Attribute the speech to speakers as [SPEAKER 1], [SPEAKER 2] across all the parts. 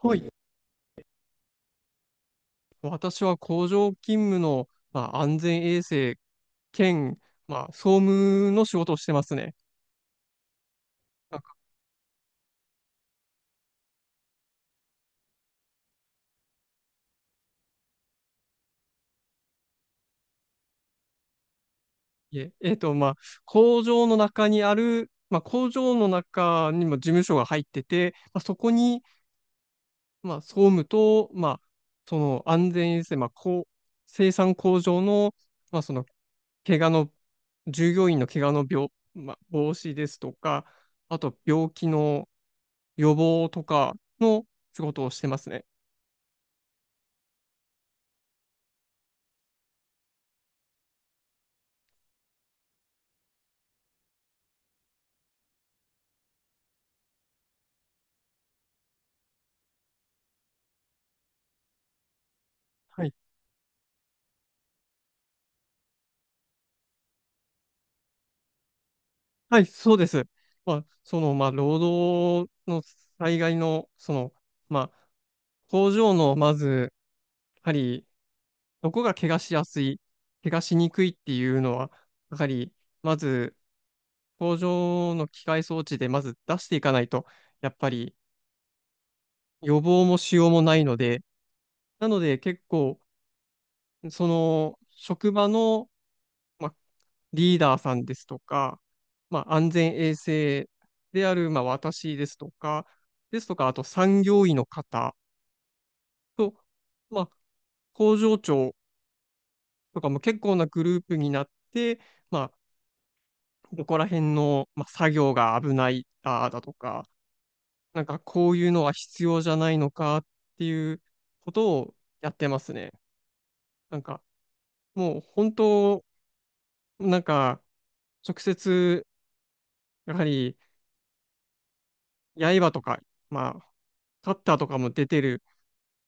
[SPEAKER 1] はい。私は工場勤務の、まあ、安全衛生兼、まあ、総務の仕事をしてますね。なんかいえ、まあ、工場の中にある、まあ、工場の中にも事務所が入ってて、まあ、そこに、まあ、総務と、まあ、その安全衛生、まあ、こう、生産工場の、まあ、その、怪我の、従業員の怪我のまあ、防止ですとか、あと病気の予防とかの仕事をしてますね。はい。はい、そうです。まあ、その、まあ、労働の災害の、その、まあ、工場の、まず、やはり、どこが怪我しやすい、怪我しにくいっていうのは、やはり、まず、工場の機械装置でまず出していかないと、やっぱり予防もしようもないので、なので結構、その職場の、まあ、リーダーさんですとか、まあ、安全衛生である、まあ、私ですとか、あと産業医の方と、まあ、工場長とかも結構なグループになって、まあ、ここら辺の、まあ、作業が危ないだとか、なんかこういうのは必要じゃないのかっていうことをやってますね。なんかもう本当、なんか直接やはり刃とか、まあ、カッターとかも出てる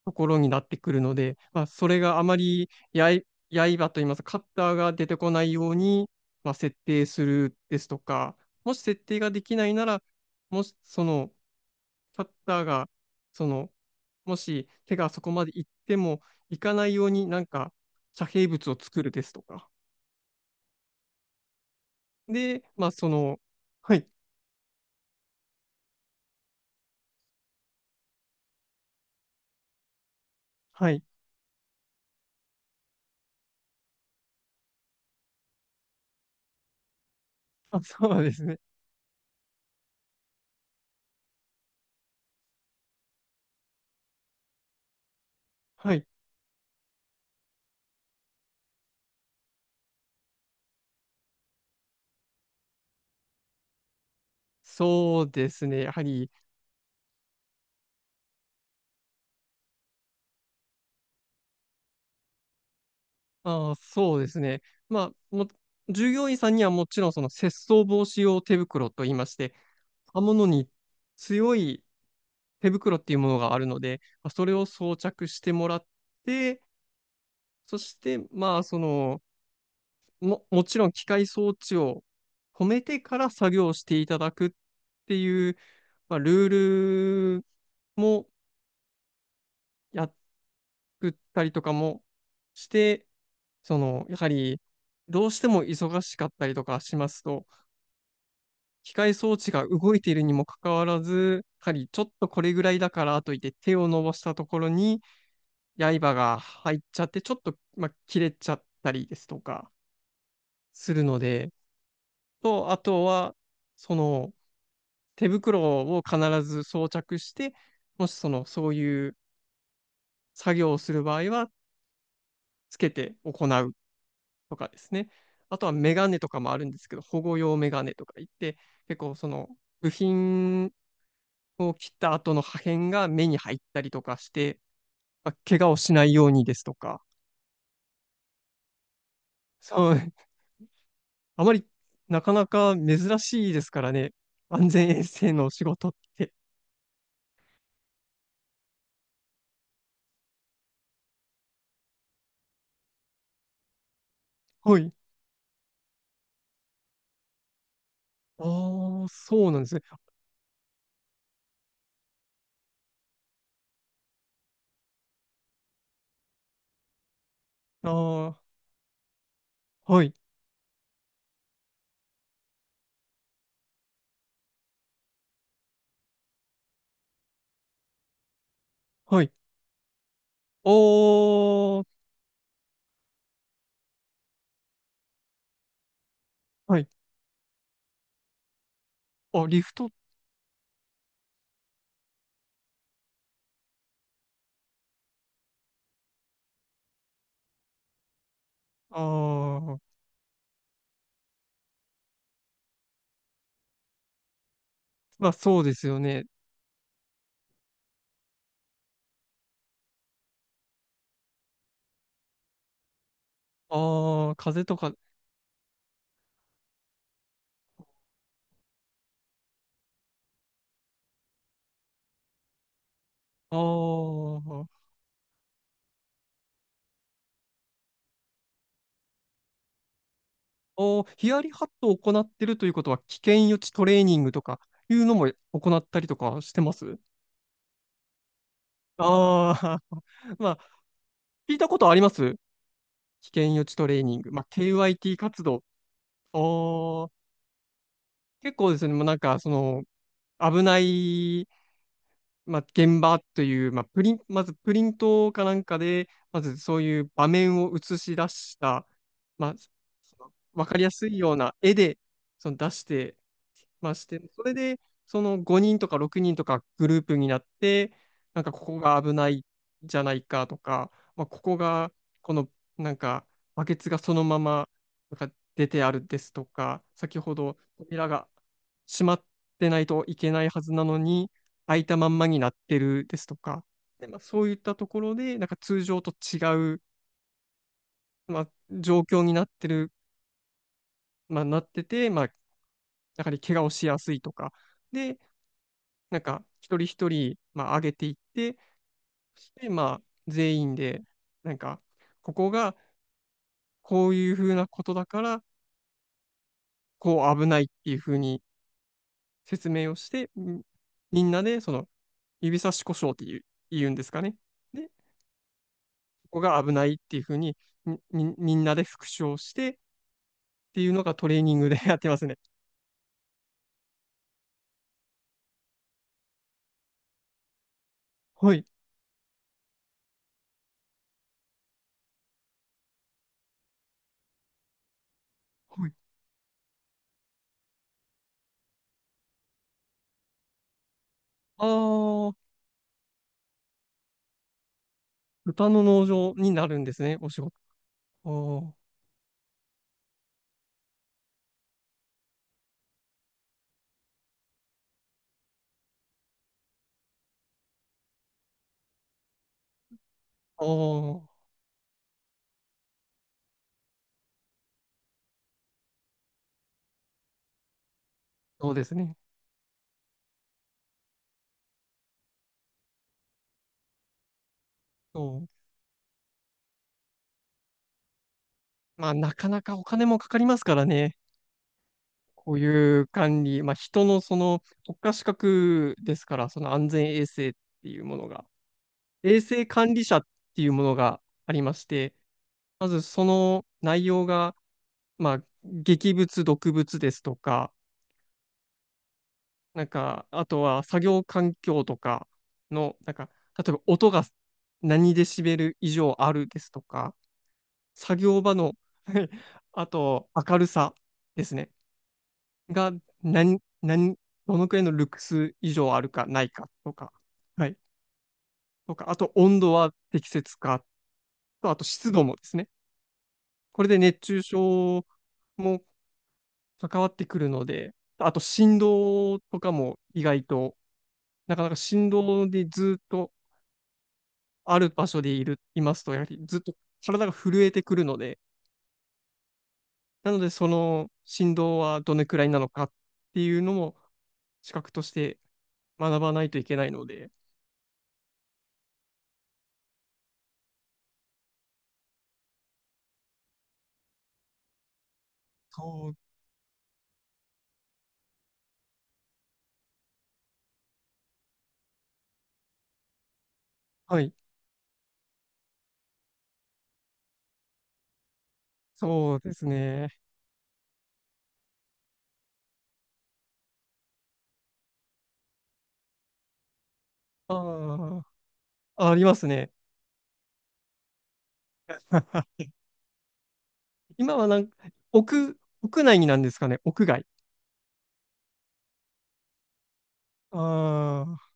[SPEAKER 1] ところになってくるので、まあ、それがあまり刃といいますか、カッターが出てこないように、まあ、設定するですとか、もし設定ができないなら、もしそのカッターが、その、もし手がそこまで行っても行かないようになんか遮蔽物を作るですとか。で、まあその、はい、はい、あ、そうですね。はい、そうですね。やはりああ、そうですね。まあ、従業員さんにはもちろんその窃盗防止用手袋と言いまして、刃物に強い手袋っていうものがあるので、まあ、それを装着してもらって、そして、まあ、その、もちろん機械装置を止めてから作業していただくっていう、まあ、ルールもやったりとかもして、その、やはり、どうしても忙しかったりとかしますと、機械装置が動いているにもかかわらず、やはりちょっとこれぐらいだからといって手を伸ばしたところに刃が入っちゃって、ちょっと、まあ、切れちゃったりですとかするので、と、あとは、その手袋を必ず装着して、もしその、そういう作業をする場合は、つけて行うとかですね。あとはメガネとかもあるんですけど、保護用メガネとか言って、結構その部品こう切った後の破片が目に入ったりとかして、まあ、怪我をしないようにですとか、そう、あまりなかなか珍しいですからね、安全衛生の仕事って。はい。ああ、そうなんですね。ああ、はい、はい。おー、はい。あ、リフト、ああ、まあそうですよね。ああ、風とか、ああ、ああ、ヒヤリハットを行ってるということは、危険予知トレーニングとかいうのも行ったりとかしてます？ああ、まあ、聞いたことあります危険予知トレーニング。まあ、KYT 活動。ああ、結構ですね、もうなんか、その、危ないまあ、現場という、まあ、プリン、まずプリントかなんかで、まずそういう場面を映し出した、まあ、そのわかりやすいような絵で、その出してまあして、それで、その5人とか6人とかグループになって、なんかここが危ないじゃないかとか、まあ、ここが、この、なんか、バケツがそのまま、なんか出てあるですとか、先ほど扉が閉まってないといけないはずなのに、空いたまんまになってるですとか、で、まあ、そういったところで、なんか通常と違う、まあ、状況になってる、まあ、なってて、まあ、やはり怪我をしやすいとか、で、なんか一人一人、まあ、上げていって、そしてまあ、全員で、なんか、ここがこういうふうなことだから、こう危ないっていうふうに説明をして、みんなでその指差し故障っていう、言うんですかね。で、こが危ないっていうふうに、みんなで復唱してっていうのがトレーニングで やってますね。はい。はい。ああ、豚の農場になるんですね、お仕事。ああ、ああ、そうですね。そう。まあ、なかなかお金もかかりますからね。こういう管理、まあ、人のその国家資格ですから、その安全衛生っていうものが、衛生管理者っていうものがありまして、まずその内容が、まあ、劇物、毒物ですとか、なんか、あとは作業環境とかの、なんか、例えば音が何デシベル以上あるですとか、作業場のはい あと明るさですね、が何、何、どのくらいのルクス以上あるかないかとか、はい、とか、あと温度は適切かと、あと湿度もですね、これで熱中症も関わってくるので、あと振動とかも意外と、なかなか振動でずっと、ある場所でいますと、やはりずっと体が震えてくるので、なので、その振動はどのくらいなのかっていうのも、資格として学ばないといけないので、そう、はい、そうですね。ああ、ありますね。今はなん屋屋内になんですかね、屋外。あ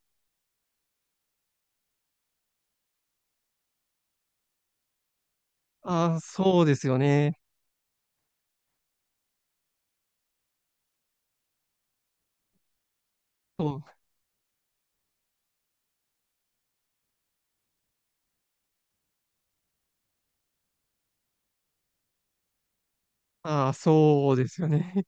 [SPEAKER 1] あ、ああ、そうですよね。そう、ああ、そうですよね。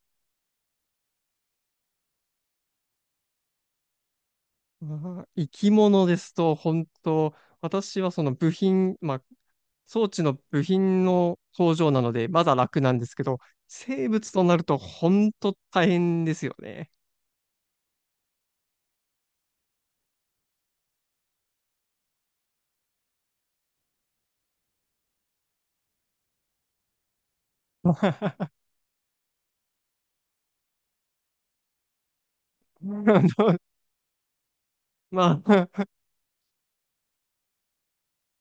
[SPEAKER 1] まあー生き物ですと、本当、私はその部品、まあ、装置の部品の工場なので、まだ楽なんですけど、生物となると本当大変ですよね。まあ、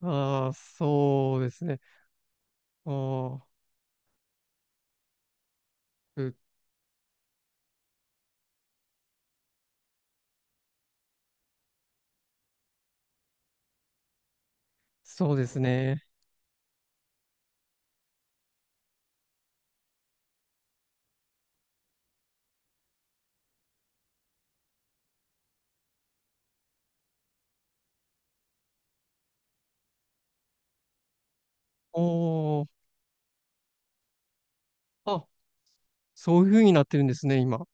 [SPEAKER 1] あー、そうですね。あーうそうですね。おー、あ、そういう風になってるんですね、今。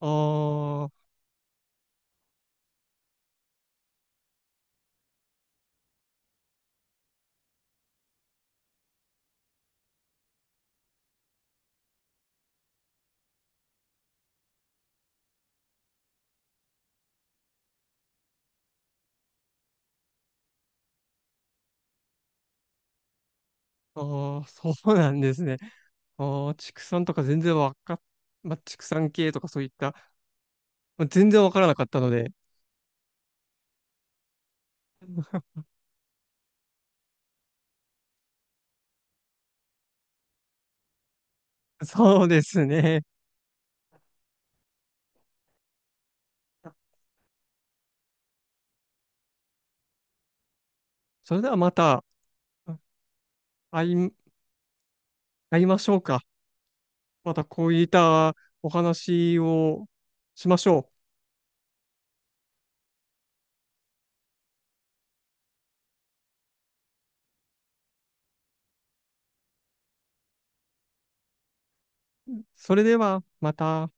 [SPEAKER 1] あー、あー、そうなんですね。あー、畜産とか全然わかっ、まあ、畜産系とかそういった全然わからなかったので、そうですね。それではまた会い、会いましょうか。またこういったお話をしましょう。それではまた。